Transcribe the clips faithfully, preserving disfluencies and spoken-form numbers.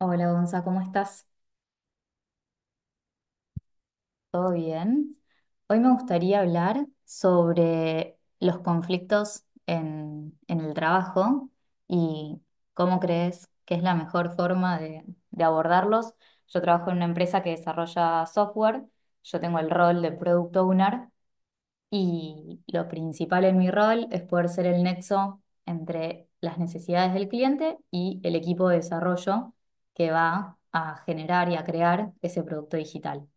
Hola, Gonza, ¿cómo estás? ¿Todo bien? Hoy me gustaría hablar sobre los conflictos en, en el trabajo y cómo crees que es la mejor forma de, de abordarlos. Yo trabajo en una empresa que desarrolla software. Yo tengo el rol de Product Owner. Y lo principal en mi rol es poder ser el nexo entre las necesidades del cliente y el equipo de desarrollo que va a generar y a crear ese producto digital.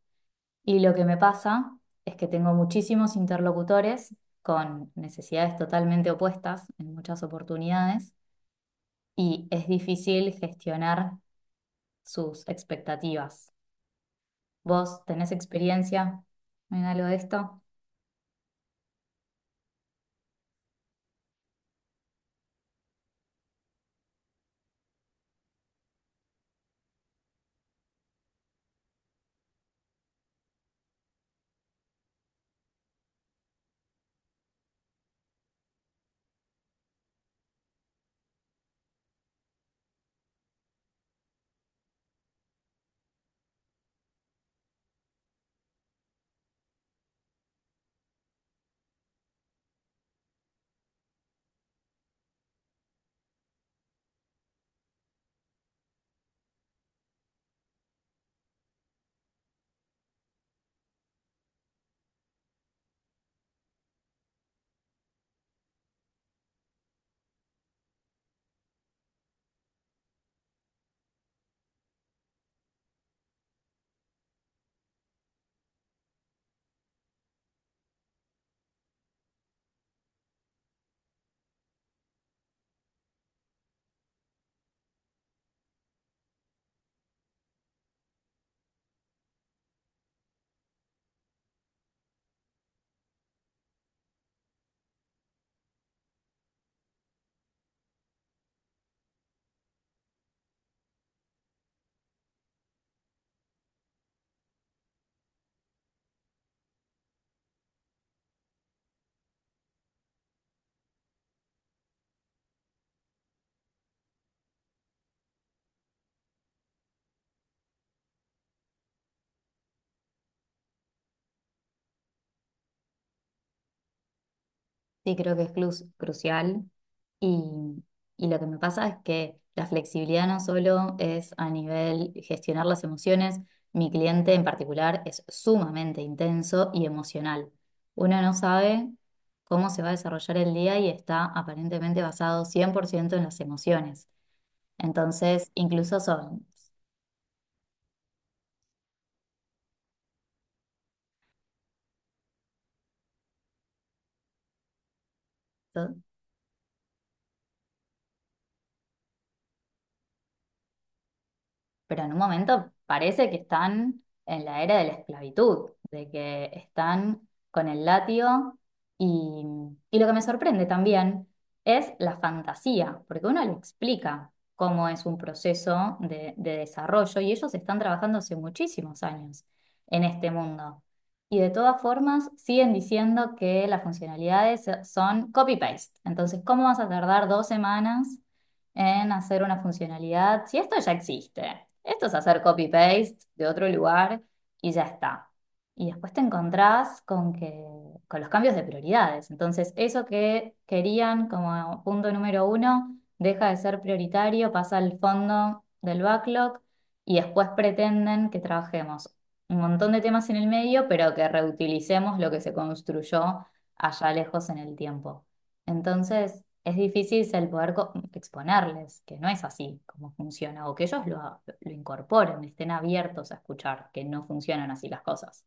Y lo que me pasa es que tengo muchísimos interlocutores con necesidades totalmente opuestas en muchas oportunidades, y es difícil gestionar sus expectativas. ¿Vos tenés experiencia en algo de esto? Sí, creo que es cru- crucial, y, y lo que me pasa es que la flexibilidad no solo es a nivel gestionar las emociones. Mi cliente en particular es sumamente intenso y emocional. Uno no sabe cómo se va a desarrollar el día y está aparentemente basado cien por ciento en las emociones. Entonces, incluso son, pero en un momento parece que están en la era de la esclavitud, de que están con el látigo, y, y lo que me sorprende también es la fantasía, porque uno le explica cómo es un proceso de, de desarrollo, y ellos están trabajando hace muchísimos años en este mundo. Y de todas formas siguen diciendo que las funcionalidades son copy-paste. Entonces, ¿cómo vas a tardar dos semanas en hacer una funcionalidad, si esto ya existe? Esto es hacer copy-paste de otro lugar y ya está. Y después te encontrás con que, con los cambios de prioridades. Entonces, eso que querían como punto número uno deja de ser prioritario, pasa al fondo del backlog, y después pretenden que trabajemos un montón de temas en el medio, pero que reutilicemos lo que se construyó allá lejos en el tiempo. Entonces es difícil el poder co- exponerles que no es así como funciona, o que ellos lo, lo incorporen, estén abiertos a escuchar que no funcionan así las cosas.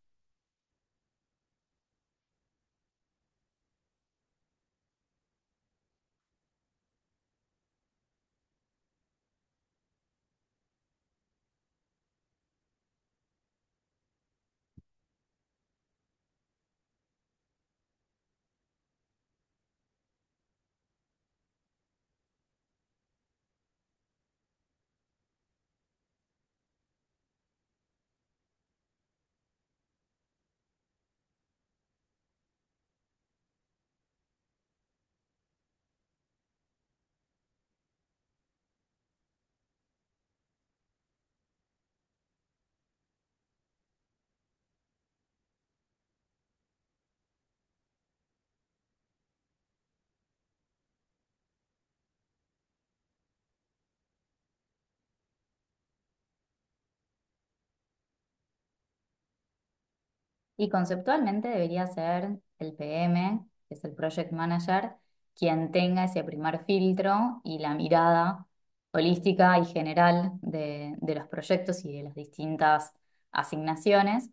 Y conceptualmente debería ser el P M, que es el Project Manager, quien tenga ese primer filtro y la mirada holística y general de, de los proyectos y de las distintas asignaciones,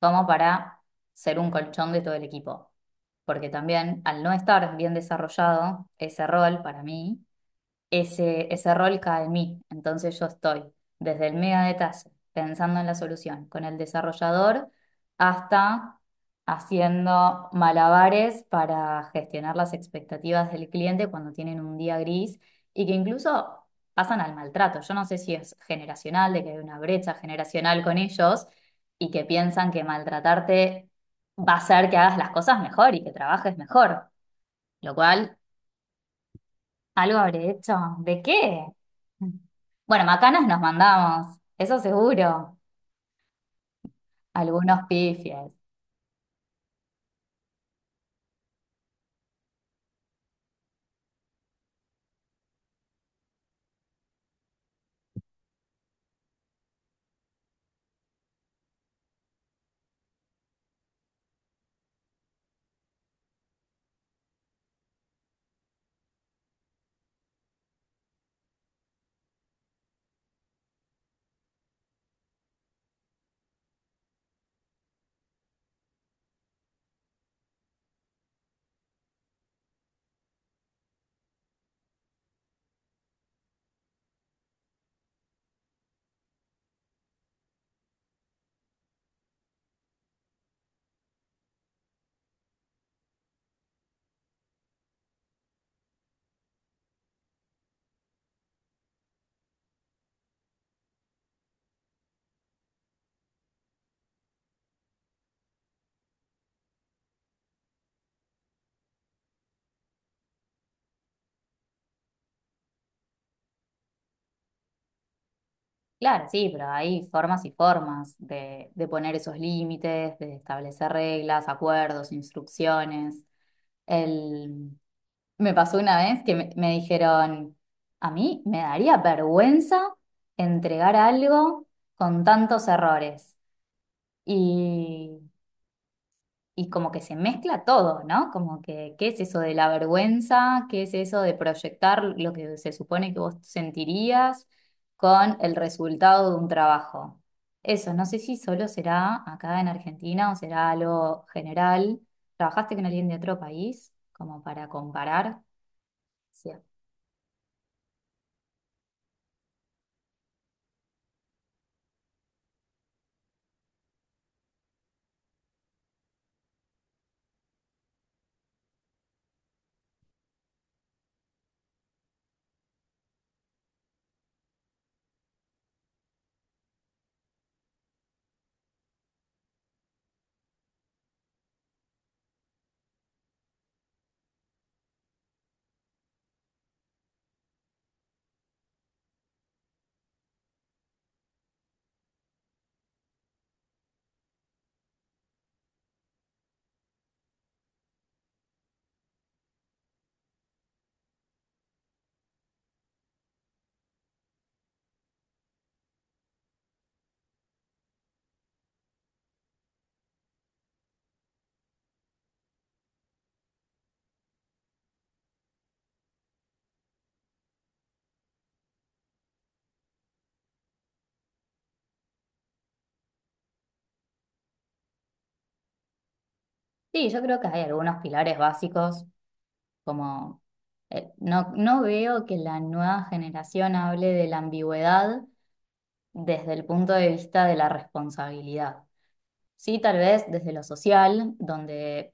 como para ser un colchón de todo el equipo. Porque también al no estar bien desarrollado ese rol para mí, ese, ese rol cae en mí. Entonces yo estoy desde el mega detalle, pensando en la solución, con el desarrollador, hasta haciendo malabares para gestionar las expectativas del cliente cuando tienen un día gris y que incluso pasan al maltrato. Yo no sé si es generacional, de que hay una brecha generacional con ellos y que piensan que maltratarte va a hacer que hagas las cosas mejor y que trabajes mejor, lo cual algo habré hecho. ¿De qué? Bueno, macanas nos mandamos, eso seguro. Algunos pifies. Claro, sí, pero hay formas y formas de, de poner esos límites, de establecer reglas, acuerdos, instrucciones. El... Me pasó una vez que me, me dijeron, a mí me daría vergüenza entregar algo con tantos errores. Y y como que se mezcla todo, ¿no? Como que, ¿qué es eso de la vergüenza? ¿Qué es eso de proyectar lo que se supone que vos sentirías con el resultado de un trabajo? Eso, no sé si solo será acá en Argentina o será algo general. ¿Trabajaste con alguien de otro país como para comparar? Sí. Sí, yo creo que hay algunos pilares básicos como... eh, No, no veo que la nueva generación hable de la ambigüedad desde el punto de vista de la responsabilidad. Sí, tal vez desde lo social, donde,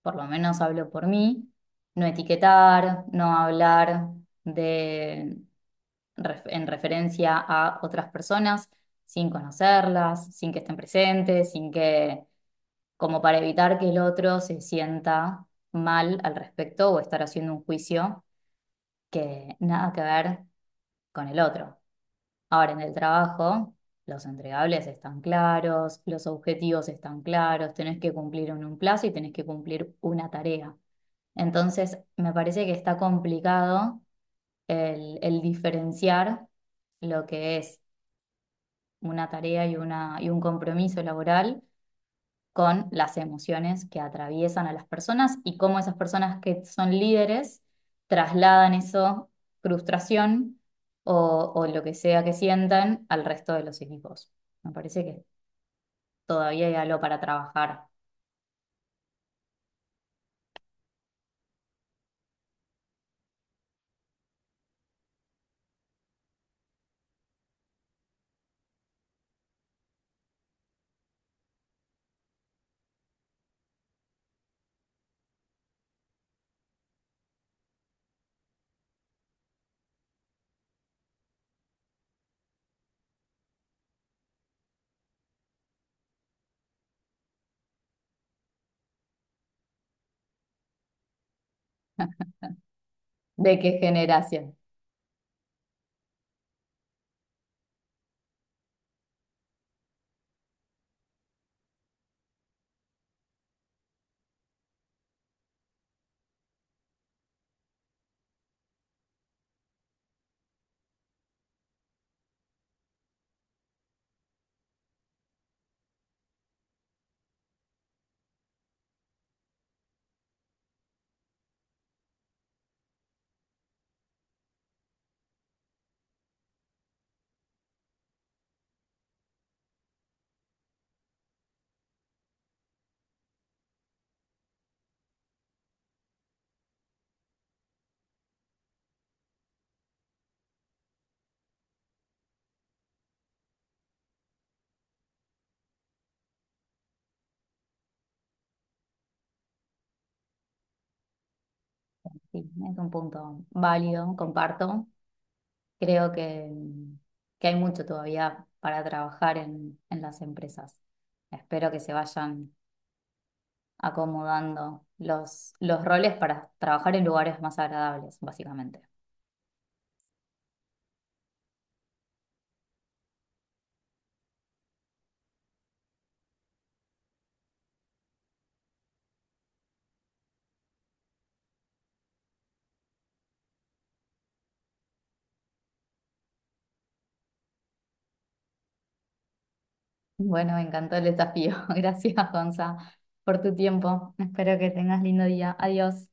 por lo menos hablo por mí, no etiquetar, no hablar de, ref- en referencia a otras personas sin conocerlas, sin que estén presentes, sin que, como para evitar que el otro se sienta mal al respecto, o estar haciendo un juicio que nada que ver con el otro. Ahora, en el trabajo, los entregables están claros, los objetivos están claros, tenés que cumplir en un plazo y tenés que cumplir una tarea. Entonces, me parece que está complicado el, el diferenciar lo que es una tarea y, una, y un compromiso laboral con las emociones que atraviesan a las personas, y cómo esas personas que son líderes trasladan eso, frustración o, o lo que sea que sientan al resto de los equipos. Me parece que todavía hay algo para trabajar. ¿De qué generación? Sí, es un punto válido, comparto. Creo que, que hay mucho todavía para trabajar en, en las empresas. Espero que se vayan acomodando los, los roles para trabajar en lugares más agradables, básicamente. Bueno, me encantó el desafío. Gracias, Gonza, por tu tiempo. Espero que tengas lindo día. Adiós.